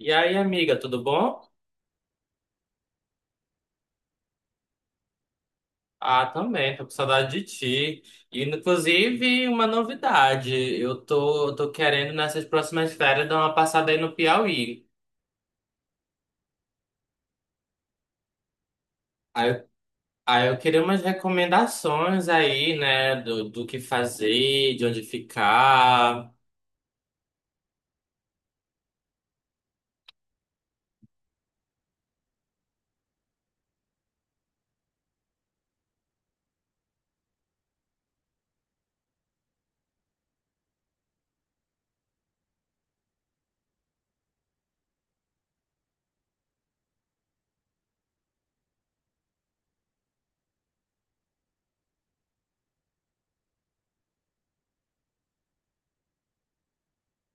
E aí, amiga, tudo bom? Ah, também, tô com saudade de ti. E, inclusive, uma novidade, eu tô querendo, nessas próximas férias, dar uma passada aí no Piauí. Aí, eu- aí eu queria umas recomendações aí, né, do que fazer, de onde ficar.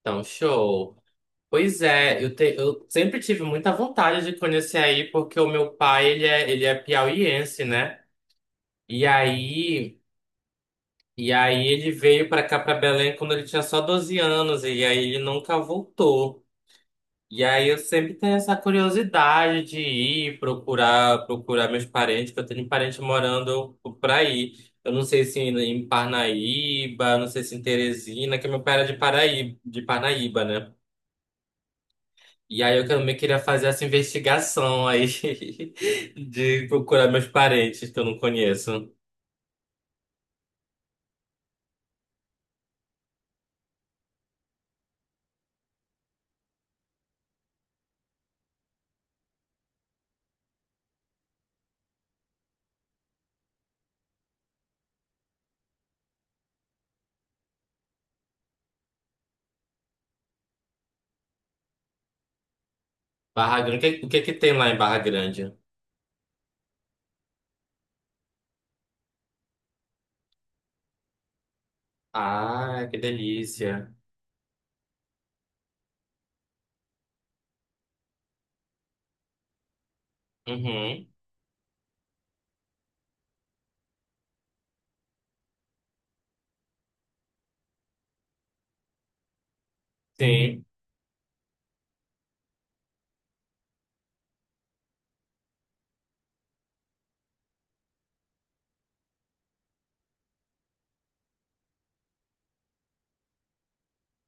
Então, show. Pois é, eu sempre tive muita vontade de conhecer aí, porque o meu pai, ele é piauiense, né? E aí... E aí ele veio pra cá, pra Belém, quando ele tinha só 12 anos, e aí ele nunca voltou. E aí eu sempre tenho essa curiosidade de ir procurar, procurar meus parentes, que eu tenho parente morando por aí. Eu não sei se em Parnaíba, não sei se em Teresina, que meu pai era de Paraíba, de Parnaíba, né? E aí eu também queria fazer essa investigação aí de procurar meus parentes que eu não conheço. Barra Grande, o que que tem lá em Barra Grande? Ah, que delícia. Uhum, sim,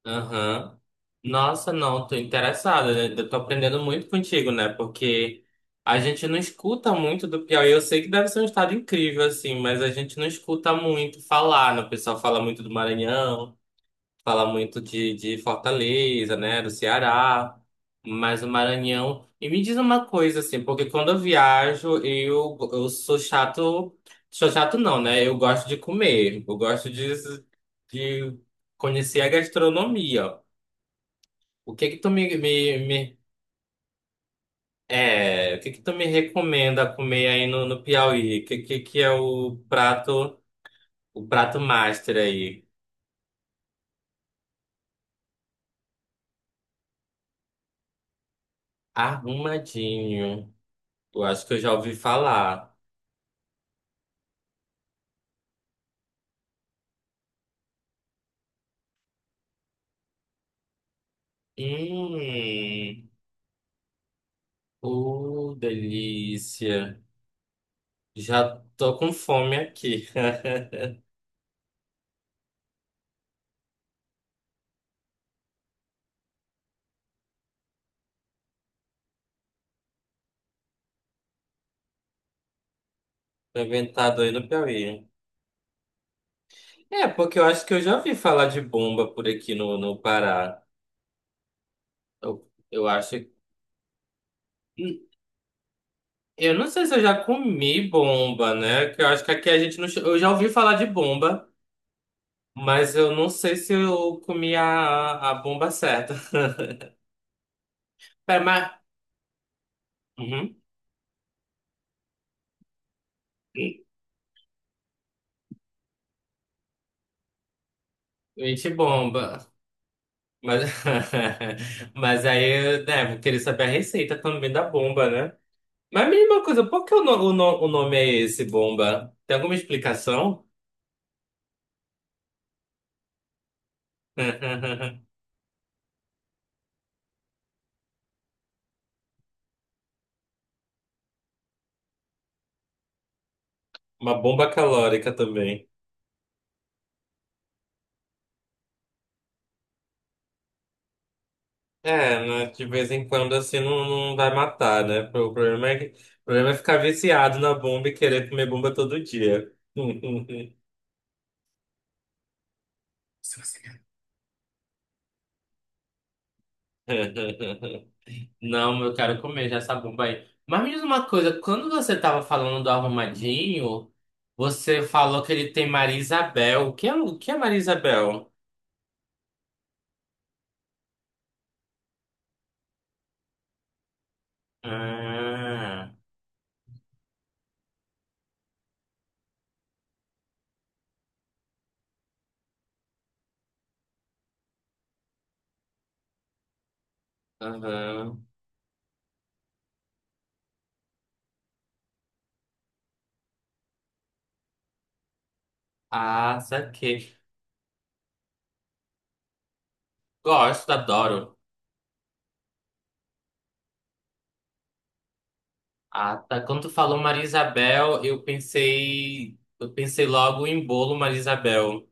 aham. Nossa, não, tô interessada, né? Eu tô aprendendo muito contigo, né? Porque a gente não escuta muito do Piauí. Eu sei que deve ser um estado incrível, assim, mas a gente não escuta muito falar, né? O pessoal fala muito do Maranhão. Fala muito de Fortaleza, né, do Ceará, mas o Maranhão. E me diz uma coisa, assim, porque quando eu viajo, eu sou chato não, né? Eu gosto de comer, eu gosto de conhecer a gastronomia. O que que tu me, me, me- É, o que que tu me recomenda comer aí no Piauí? O que, que é o prato master aí? Arrumadinho. Eu acho que eu já ouvi falar. Hum, oh, delícia. Já tô com fome aqui. Tô inventado aí no Piauí. É, porque eu acho que eu já ouvi falar de bomba por aqui no Pará. Eu acho. Hum, Eu não sei se eu já comi bomba, né? Que eu acho que aqui a gente não. Eu já ouvi falar de bomba, mas eu não sei se eu comi a bomba certa. Pera, mas. Uhum. Gente, bomba. Mas, mas aí, né, vou querer saber a receita também da bomba, né? Mas me diz coisa, por que o, no- o no- o nome é esse, bomba? Tem alguma explicação? Uma bomba calórica também. É, né, de vez em quando assim não, não vai matar, né? O problema é ficar viciado na bomba e querer comer bomba todo dia. Se você quer. Não, eu quero comer já essa bomba aí. Mas me diz uma coisa, quando você estava falando do arrumadinho, você falou que ele tem Maria Isabel. O que é Maria Isabel? Ah, aham. Ah, saquei. Gosto, adoro. Ah, tá. Quando tu falou Maria Isabel, eu pensei logo em bolo Maria Isabel.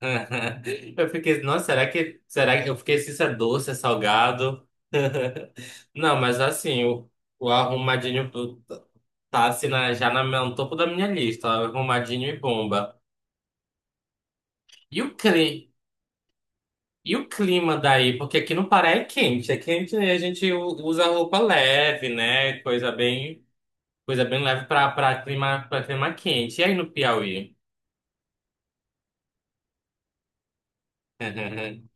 Eu fiquei, nossa, será que eu fiquei se isso é doce, é salgado? Não, mas assim, o arrumadinho tá tá, assim na- já na, no topo da minha lista, arrumadinho e bomba. E o cli, e o clima daí? Porque aqui no Pará é quente e a gente usa roupa leve, né? Coisa bem leve para clima, para clima quente. E aí no Piauí?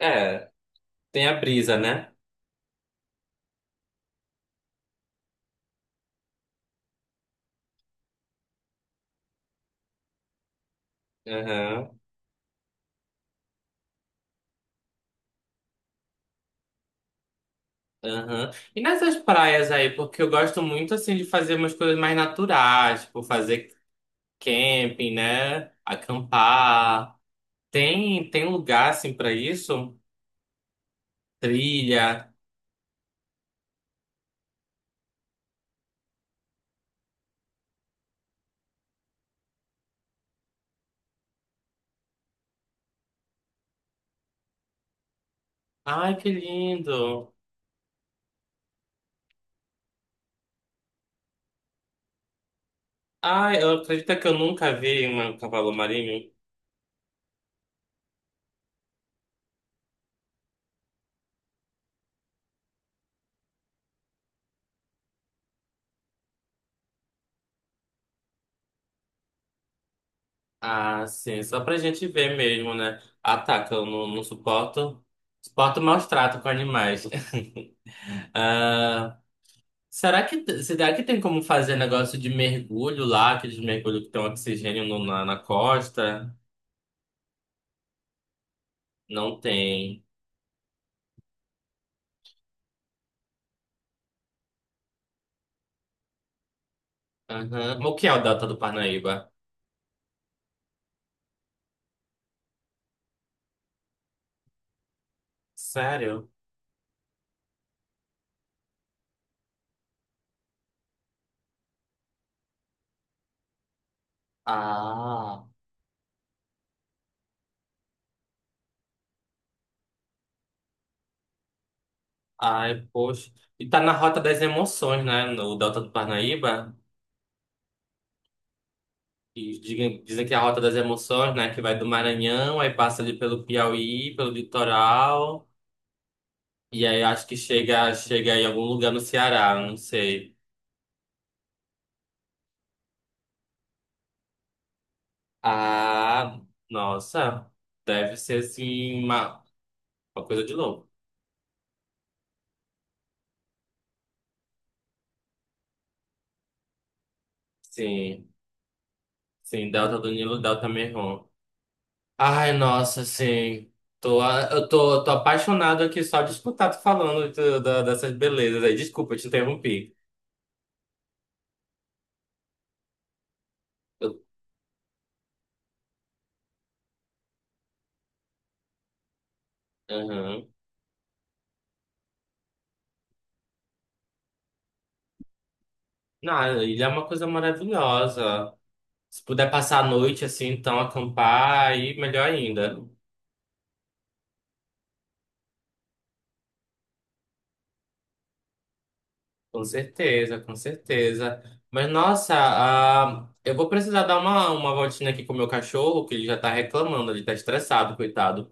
É, tem a brisa, né? Aham. E nessas praias aí, porque eu gosto muito assim de fazer umas coisas mais naturais, tipo fazer camping, né? Acampar. Tem lugar assim pra isso? Trilha. Ai, que lindo. Ai, eu acredito que eu nunca vi um cavalo marinho. Ah, sim, só pra gente ver mesmo, né? Ah, tá, que eu não, não suporto. Suporto maus tratos com animais. Ah, será que, será que tem como fazer negócio de mergulho lá, aqueles mergulhos que tem oxigênio na na costa? Não tem. Aham. O que é o Delta do Parnaíba? Sério? Ah, ai, poxa. E tá na Rota das Emoções, né? No Delta do Parnaíba. E dizem que é a Rota das Emoções, né? Que vai do Maranhão, aí passa ali pelo Piauí, pelo litoral. E aí acho que chega, chega em algum lugar no Ceará, não sei. Ah, nossa, deve ser assim uma coisa de louco. Sim, sim, Delta do Nilo, Delta Mekong. Ai, nossa, sim. Tô, eu tô apaixonado aqui só de escutar tu falando dessas belezas aí. Desculpa, te interrompi. Eu, aham. Não, ele é uma coisa maravilhosa. Se puder passar a noite assim, então acampar, aí melhor ainda. Com certeza, com certeza. Mas nossa, ah, eu vou precisar dar uma voltinha aqui com o meu cachorro, que ele já tá reclamando, ele tá estressado, coitado,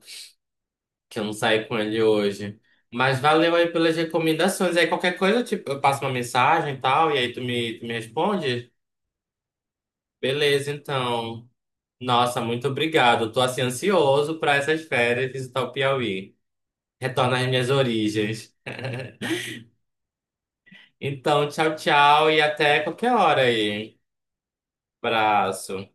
que eu não saí com ele hoje. Mas valeu aí pelas recomendações. Aí qualquer coisa, tipo, eu passo uma mensagem e tal, e aí tu me responde? Beleza, então. Nossa, muito obrigado. Tô assim ansioso para essas férias visitar o Piauí. Retornar às minhas origens. Então, tchau, tchau e até qualquer hora aí. Abraço.